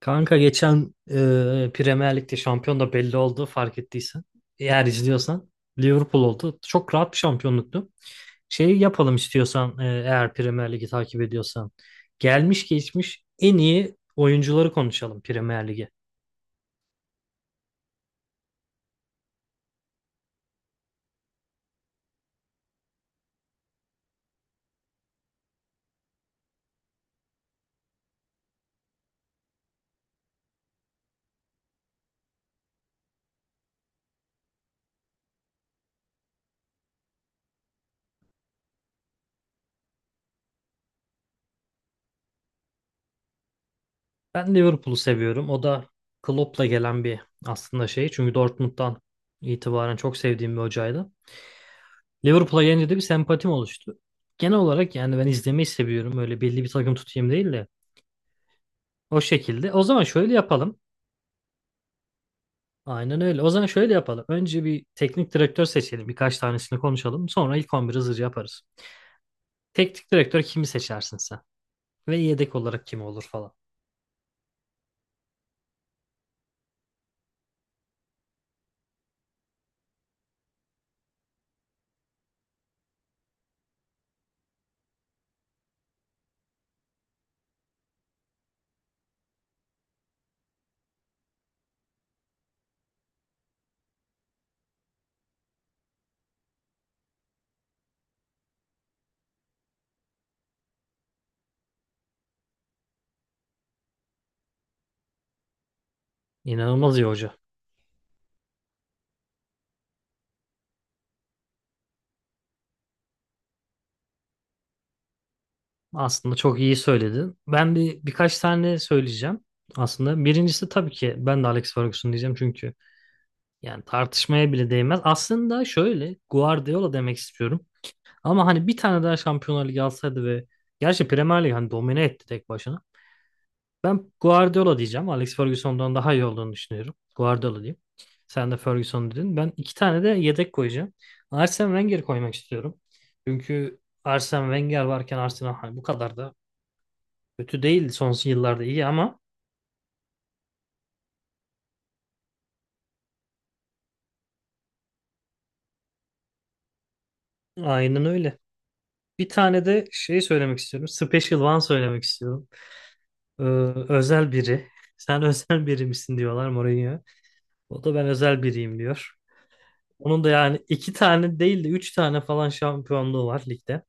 Kanka geçen Premier Lig'de şampiyon da belli oldu fark ettiysen. Eğer izliyorsan Liverpool oldu. Çok rahat bir şampiyonluktu. Şey yapalım istiyorsan eğer Premier Lig'i takip ediyorsan. Gelmiş geçmiş en iyi oyuncuları konuşalım Premier Lig'e. Ben Liverpool'u seviyorum. O da Klopp'la gelen bir aslında şey. Çünkü Dortmund'dan itibaren çok sevdiğim bir hocaydı. Liverpool'a gelince de bir sempatim oluştu. Genel olarak yani ben izlemeyi seviyorum. Öyle belli bir takım tutayım değil de. O şekilde. O zaman şöyle yapalım. Aynen öyle. O zaman şöyle yapalım. Önce bir teknik direktör seçelim. Birkaç tanesini konuşalım. Sonra ilk 11'i hızlıca yaparız. Teknik direktör kimi seçersin sen? Ve yedek olarak kim olur falan. İnanılmaz iyi hoca. Aslında çok iyi söyledin. Ben bir birkaç tane söyleyeceğim. Aslında birincisi tabii ki ben de Alex Ferguson diyeceğim çünkü yani tartışmaya bile değmez. Aslında şöyle Guardiola demek istiyorum. Ama hani bir tane daha Şampiyonlar Ligi alsaydı ve gerçi Premier Lig hani domine etti tek başına. Ben Guardiola diyeceğim. Alex Ferguson'dan daha iyi olduğunu düşünüyorum. Guardiola diyeyim. Sen de Ferguson dedin. Ben iki tane de yedek koyacağım. Arsene Wenger koymak istiyorum. Çünkü Arsene Wenger varken Arsenal hani bu kadar da kötü değil. Son yıllarda iyi ama aynen öyle. Bir tane de şey söylemek istiyorum. Special One söylemek istiyorum. Ee, Özel biri. Sen özel biri misin diyorlar Mourinho. O da ben özel biriyim diyor. Onun da yani iki tane değil de üç tane falan şampiyonluğu var ligde.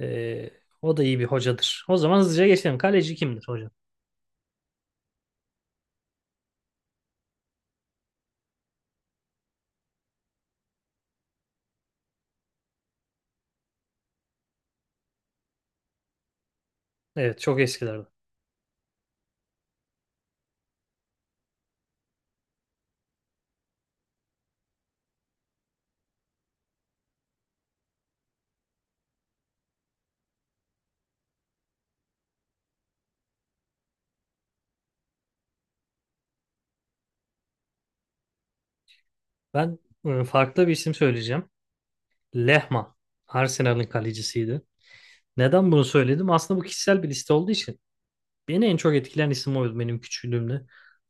Ee, O da iyi bir hocadır. O zaman hızlıca geçelim. Kaleci kimdir hocam? Evet çok eskilerden. Ben farklı bir isim söyleyeceğim. Lehmann. Arsenal'ın kalecisiydi. Neden bunu söyledim? Aslında bu kişisel bir liste olduğu için. Beni en çok etkilen isim oydu benim küçüklüğümde.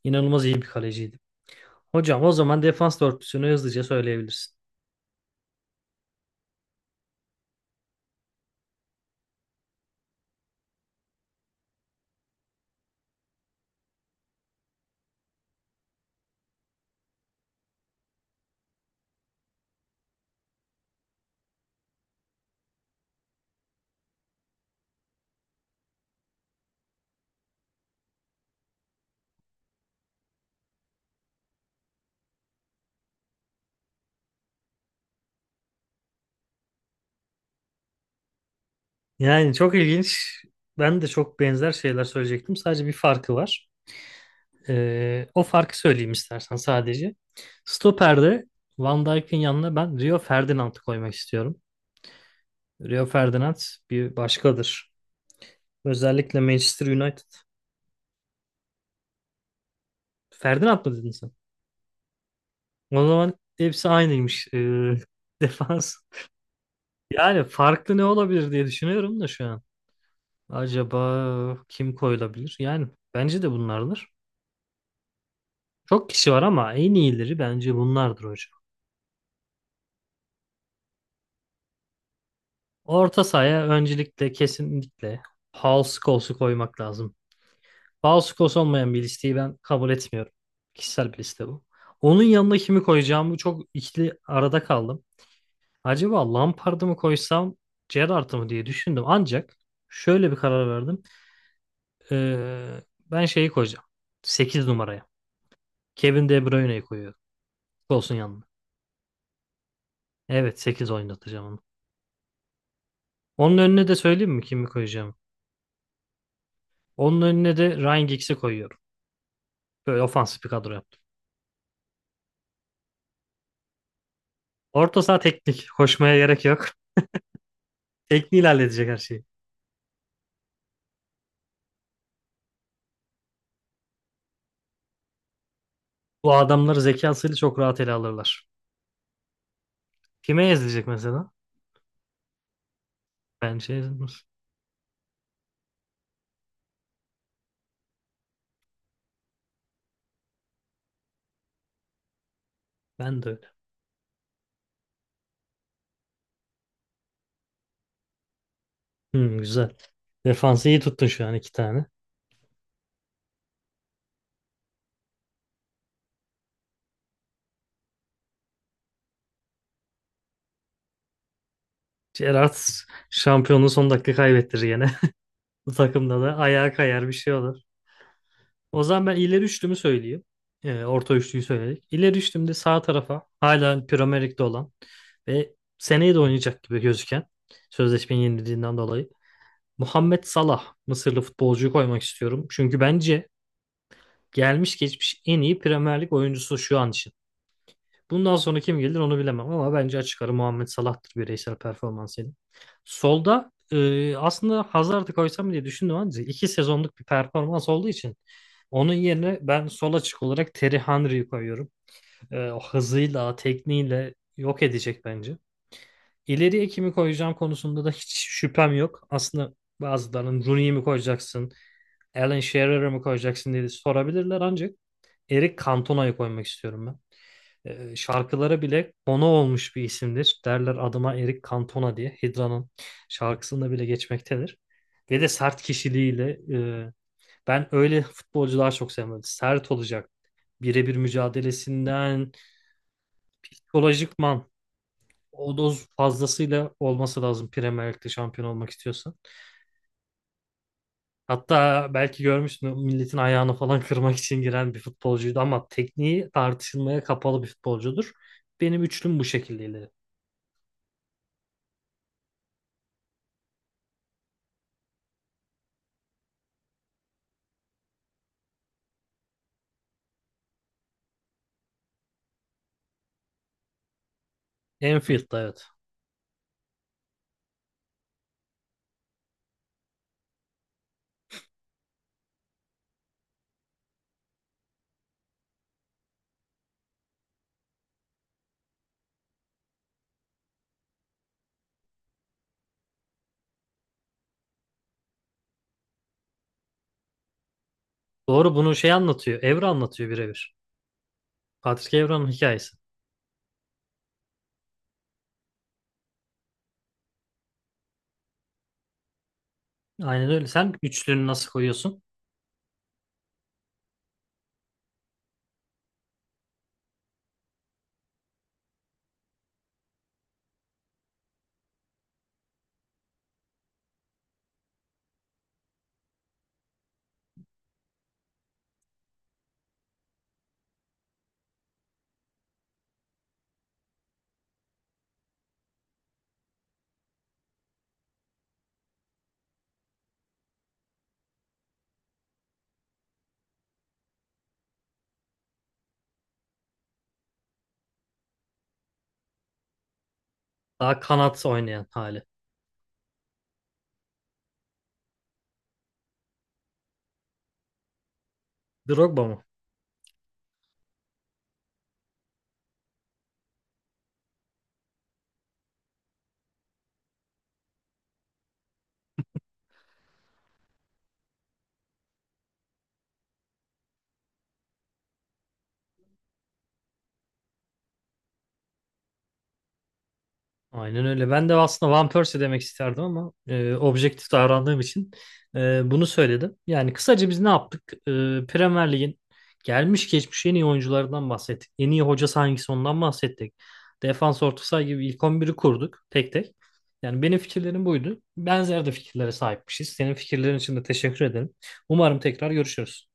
İnanılmaz iyi bir kaleciydi. Hocam o zaman defans dörtlüsünü hızlıca söyleyebilirsin. Yani çok ilginç. Ben de çok benzer şeyler söyleyecektim. Sadece bir farkı var. O farkı söyleyeyim istersen sadece. Stoper'de Van Dijk'in yanına ben Rio Ferdinand'ı koymak istiyorum. Rio Ferdinand bir başkadır. Özellikle Manchester United. Ferdinand mı dedin sen? O zaman hepsi aynıymış. Defans. Yani farklı ne olabilir diye düşünüyorum da şu an. Acaba kim koyulabilir? Yani bence de bunlardır. Çok kişi var ama en iyileri bence bunlardır hocam. Orta sahaya öncelikle kesinlikle Paul Scholes'u koymak lazım. House Kos olmayan bir listeyi ben kabul etmiyorum. Kişisel bir liste bu. Onun yanına kimi koyacağımı çok ikili arada kaldım. Acaba Lampard'ı mı koysam Gerrard'ı mı diye düşündüm. Ancak şöyle bir karar verdim. Ee, Ben şeyi koyacağım. Sekiz numaraya. Kevin De Bruyne'yi koyuyorum. Olsun yanına. Evet 8 oynatacağım onu. Onun önüne de söyleyeyim mi kimi koyacağım? Onun önüne de Ryan Giggs'i koyuyorum. Böyle ofansif bir kadro yaptım. Orta saha teknik. Koşmaya gerek yok. Tekniğiyle halledecek her şeyi. Bu adamları zekasıyla çok rahat ele alırlar. Kime ezilecek mesela? Bence ezilmez. Ben de öyle. Hmm, güzel. Defansı iyi tuttun şu an iki tane. Gerrard şampiyonluğu son dakika kaybettirir yine. Bu takımda da ayağa kayar bir şey olur. O zaman ben ileri üçlümü söyleyeyim. Orta üçlüyü söyledik. İleri üçlümde sağ tarafa hala Premier Lig'de olan ve seneye de oynayacak gibi gözüken sözleşmenin yenildiğinden dolayı Muhammed Salah Mısırlı futbolcuyu koymak istiyorum. Çünkü bence gelmiş geçmiş en iyi Premier Lig oyuncusu şu an için. Bundan sonra kim gelir onu bilemem ama bence açık ara Muhammed Salah'tır bireysel performansıyla. Solda aslında Hazard'ı koysam diye düşündüm ama iki sezonluk bir performans olduğu için onun yerine ben sol açık olarak Terry Henry'yi koyuyorum. O hızıyla, tekniğiyle yok edecek bence. İleriye kimi koyacağım konusunda da hiç şüphem yok. Aslında bazılarının Rooney'i mi koyacaksın? Alan Shearer'ı mı koyacaksın diye sorabilirler ancak Eric Cantona'yı koymak istiyorum ben. Şarkılara bile konu olmuş bir isimdir. Derler adıma Eric Cantona diye. Hydra'nın şarkısında bile geçmektedir. Ve de sert kişiliğiyle e, ben öyle futbolcular çok sevmedim. Sert olacak. Birebir mücadelesinden psikolojikman o doz fazlasıyla olması lazım Premier Lig'de şampiyon olmak istiyorsa. Hatta belki görmüşsün milletin ayağını falan kırmak için giren bir futbolcuydu ama tekniği tartışılmaya kapalı bir futbolcudur. Benim üçlüm bu şekildeydi. Enfield'da evet. Doğru bunu şey anlatıyor. Evra anlatıyor birebir. Patrick Evra'nın hikayesi. Aynen öyle. Sen üçlünü nasıl koyuyorsun? Daha kanat oynayan hali. Drogba mı? Aynen öyle. Ben de aslında Van Persie demek isterdim ama objektif davrandığım için bunu söyledim. Yani kısaca biz ne yaptık? Premier Lig'in gelmiş geçmiş en iyi oyuncularından bahsettik. En iyi hocası hangisi ondan bahsettik. Defans orta saha gibi ilk 11'i kurduk tek tek. Yani benim fikirlerim buydu. Benzer de fikirlere sahipmişiz. Senin fikirlerin için de teşekkür ederim. Umarım tekrar görüşürüz.